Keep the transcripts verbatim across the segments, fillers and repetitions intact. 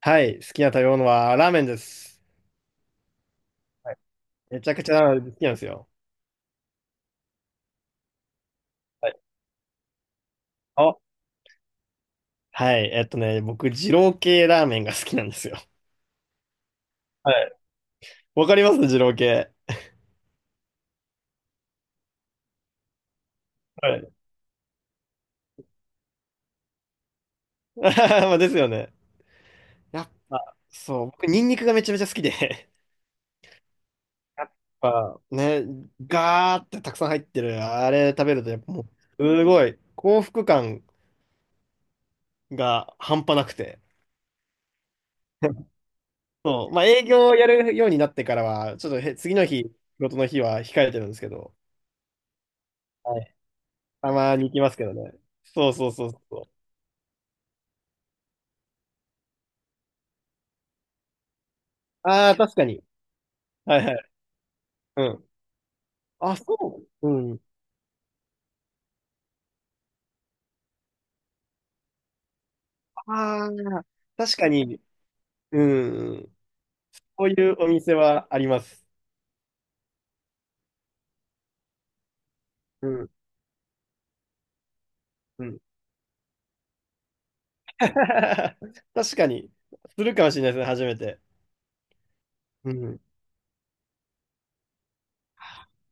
はい、好きな食べ物はラーメンです。はい、めちゃくちゃラーメン好きなんですよ。はい。あ、はい、えっとね、僕、二郎系ラーメンが好きなんですよ。はい。わかります二郎系。はい。まあですよね。やっぱそう、僕、ニンニクがめちゃめちゃ好きで、やっぱね、ガーってたくさん入ってる、あれ食べると、やっぱもう、すごい、幸福感が半端なくて。そう、まあ営業をやるようになってからは、ちょっとへ次の日、仕事の日は控えてるんですけど、たまに行きますけどね。そうそうそうそう。ああ、確かに。はいはい。うん。あ、そう。うん。ああ、確かに。うん。こういうお店はあります。うん。うん。確かに。するかもしれないですね、初めて。うん。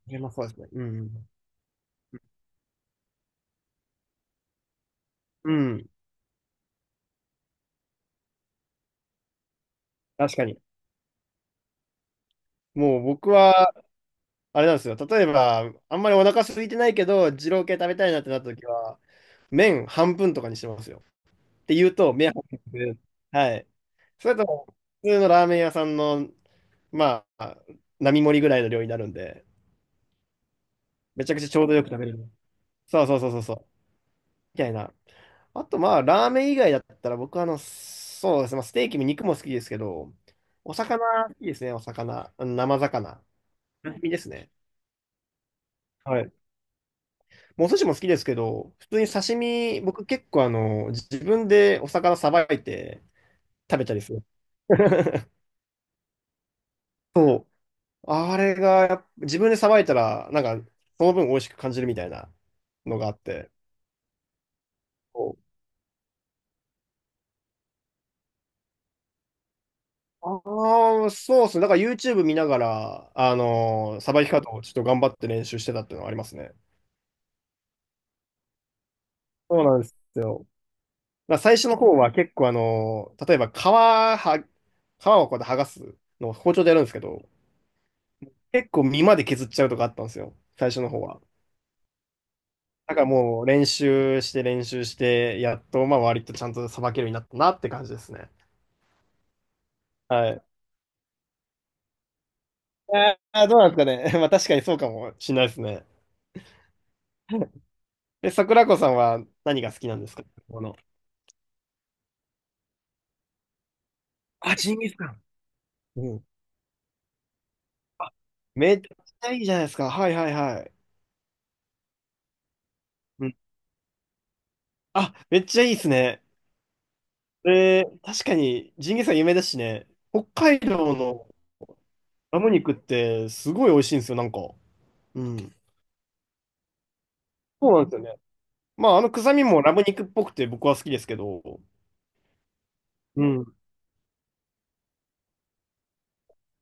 でもそうですね。うん。うん。確かに。もう僕は、あれなんですよ。例えば、あんまりお腹空いてないけど、二郎系食べたいなってなった時は、麺半分とかにしてますよ。って言うと、目をかける。はい。それとも、普通のラーメン屋さんの、まあ、並盛りぐらいの量になるんで、めちゃくちゃちょうどよく食べれる。そうそうそうそうそう。みたいな。あと、まあ、ラーメン以外だったら、僕、あの、そうですね、まあ、ステーキも肉も好きですけど、お魚、好きですね、お魚。あの生魚。刺身ですね。はい。もうお寿司も好きですけど、普通に刺身、僕結構あの、自分でお魚さばいて食べたりする。そう。あれがやっぱ、自分でさばいたら、なんか、その分美味しく感じるみたいなのがあって。そう。ああ、そうですね。だから ユーチューブ 見ながら、あのーさばき方をちょっと頑張って練習してたっていうのはありますね。そうなんですよ。だから最初の方は結構あのー例えば皮は、皮をこうやって剥がすのを包丁でやるんですけど、結構身まで削っちゃうとかあったんですよ。最初の方は。だからもう練習して練習して、やっとまあ割とちゃんとさばけるようになったなって感じですね。はい。あーどうなんですかね。まあ確かにそうかもしれないですね。え、桜子さんは何が好きなんですか、この？あ、ジンギスカン。うん。あ、めっちゃいいじゃないですか。はいはいはい。うん。あ、めっちゃいいですね。えー、確かにジンギスカン有名だしね。北海道のラム肉ってすごい美味しいんですよ、なんか。うん。そうなんですよね。まああの臭みもラム肉っぽくて僕は好きですけど。うん。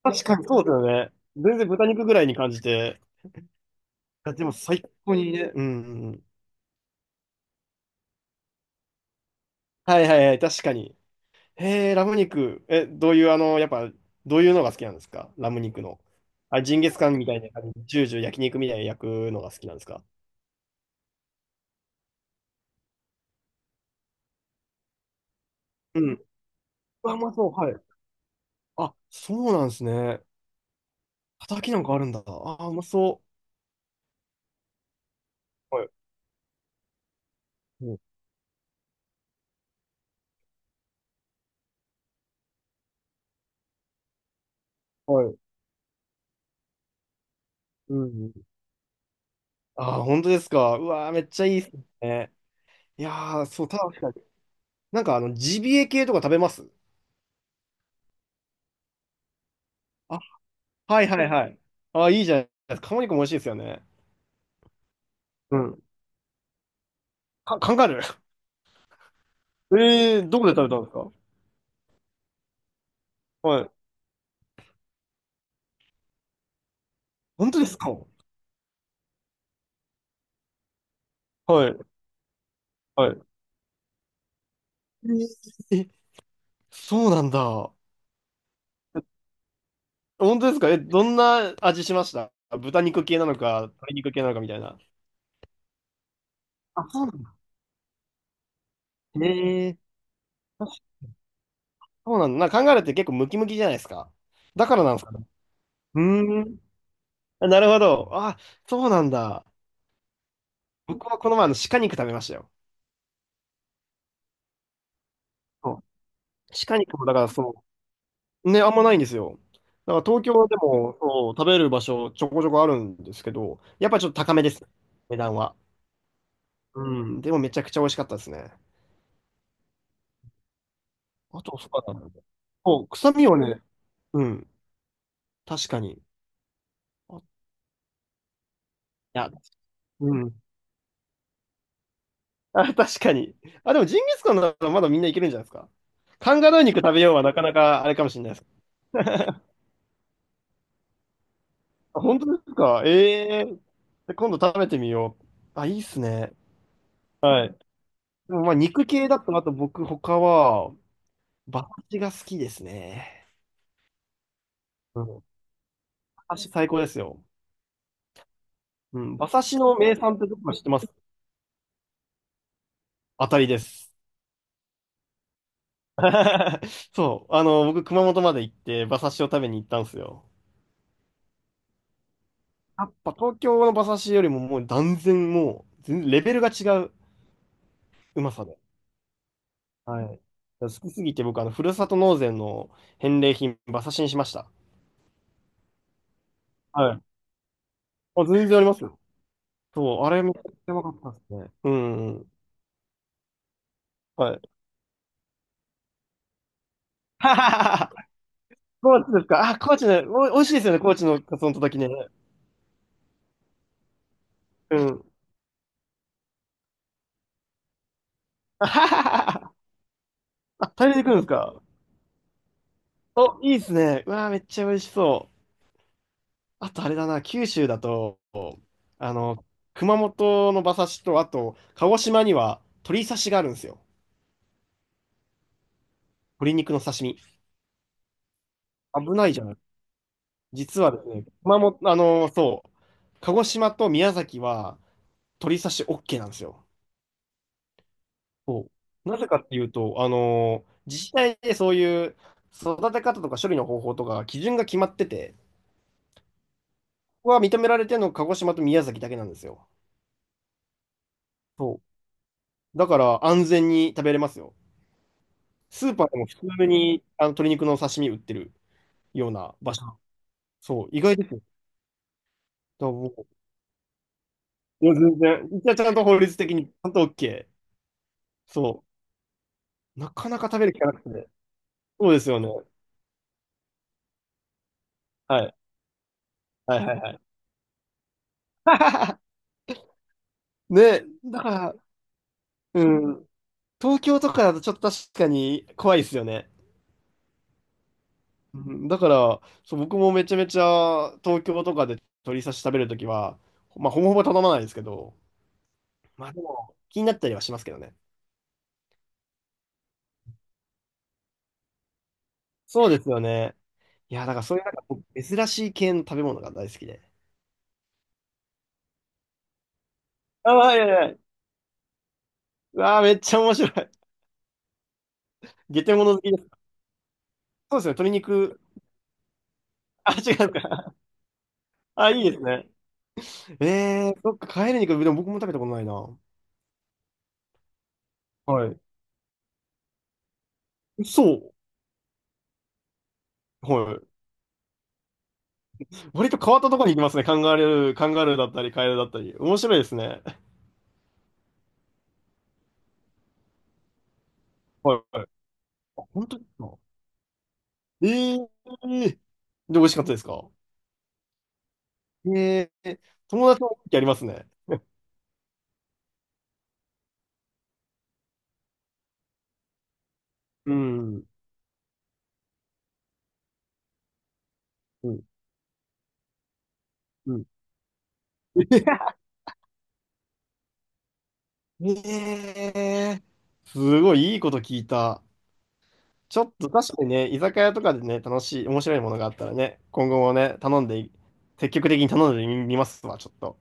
確かにそうですよね。全然豚肉ぐらいに感じて。いやでも最高にね。うんうんうん。はいはいはい、確かに。へえ、ラム肉。え、どういう、あの、やっぱ、どういうのが好きなんですか、ラム肉の？あ、ジンギスカンみたいな感じ、ジュージュー焼肉みたいに焼くのが好きなんですか？うん。うわ、うまそう、はい。あ、そうなんですね。叩きなんかあるんだ。あー、うまそう。はい。うんはい。うんうん。あー、本当ですか？うわー、めっちゃいいですね。いやー、そう、確かに。なんか、あの、ジビエ系とか食べます？あ、はいはいはい。あー、いいじゃないですか。鴨肉も美味しいですよね。うん。か、カンガルー。ええーどこで食べたんですか？はい。本当ですか？はい。はい。えーそうなんだ。本当ですか？え、どんな味しました？豚肉系なのか、鶏肉系なのかみたいな。あ、そうなんだ。ええー、そうなんだ。なんか考えるって結構ムキムキじゃないですか。だからなんですかね。うーん。あなるほど。あ、そうなんだ。僕はこの前あの鹿肉食べましたよ。そう、鹿肉もだからそうね、あんまないんですよ。だから東京はでも、そう食べる場所ちょこちょこあるんですけど、やっぱりちょっと高めです。値段は。うん。でもめちゃくちゃ美味しかったですね。あと、そうだな。そう、臭みはね、うん。確かに。あ、いや、うん。あ、確かに。あ、でもジンギスカンならまだみんないけるんじゃないですか。カンガルー肉食べようはなかなかあれかもしれないです。あ、本当ですか？ええ。で、今度食べてみよう。あ、いいっすね。でもまあ肉系だと、あと僕他は、馬刺しが好きですね。うん。馬刺し最高ですよ。うん。馬刺しの名産ってどこか知ってます？当たりです。そう。あの、僕、熊本まで行って、馬刺しを食べに行ったんですよ。やっぱ東京の馬刺しよりももう断然もう、全レベルが違ううまさで。はい。好きすぎて僕、あの、ふるさと納税の返礼品、馬刺しにしました。はい。あ、全然ありますよ。そう、あれめっちゃうまかったですね。うんうん。はい。高知ですか。あ、高知ね。お、美味しいですよね、高知のカツ丼の時ね。うん。あははは。あ、大量に来るんですか？お、いいですね。うわー、めっちゃ美味しそう。あとあれだな、九州だと、あの、熊本の馬刺しと、あと、鹿児島には鶏刺しがあるんですよ。鶏肉の刺身。危ないじゃん。実はですね、熊本、あの、そう、鹿児島と宮崎は鶏刺し OK なんですよ。そう。なぜかっていうと、あのー自治体でそういう育て方とか処理の方法とか基準が決まってて、ここが認められてるのが鹿児島と宮崎だけなんですよ。そう。だから安全に食べれますよ。スーパーでも普通にあの鶏肉の刺身売ってるような場所。そう、意外ですよ。だからもう、いや、全然。一応ちゃんと法律的にちゃんと OK。そう。なかなか食べる気がなくて。そうですよね。はい。はいはいはい。ね、だから、うん。東京とかだとちょっと確かに怖いですよね。うん。だから、そう、僕もめちゃめちゃ東京とかで鶏刺し食べるときは、まあ、ほぼほぼ頼まないですけど、まあでも、気になったりはしますけどね。そうですよね。いや、だからそういうなんかこう珍しい系の食べ物が大好きで。ああ、いやいやいや。うわあ、めっちゃ面白い。ゲテモノ好きです。そうですね、鶏肉。あ、違うか。あ、いいですね。えー、そっか、帰り肉、でも僕も食べたことないな。はい。そう。はい。割と変わったところに行きますね。カンガルー、カンガルーだったり、カエルだったり。面白いですね。はいはい。あ、本当ですか？ええー。で、美味しかったですか？ええー。友達もやりますね。うん。うん。うん。ええー。すごいいいこと聞いた。ちょっと確かにね、居酒屋とかでね、楽しい、面白いものがあったらね、今後もね、頼んで、積極的に頼んでみますわ、ちょっと。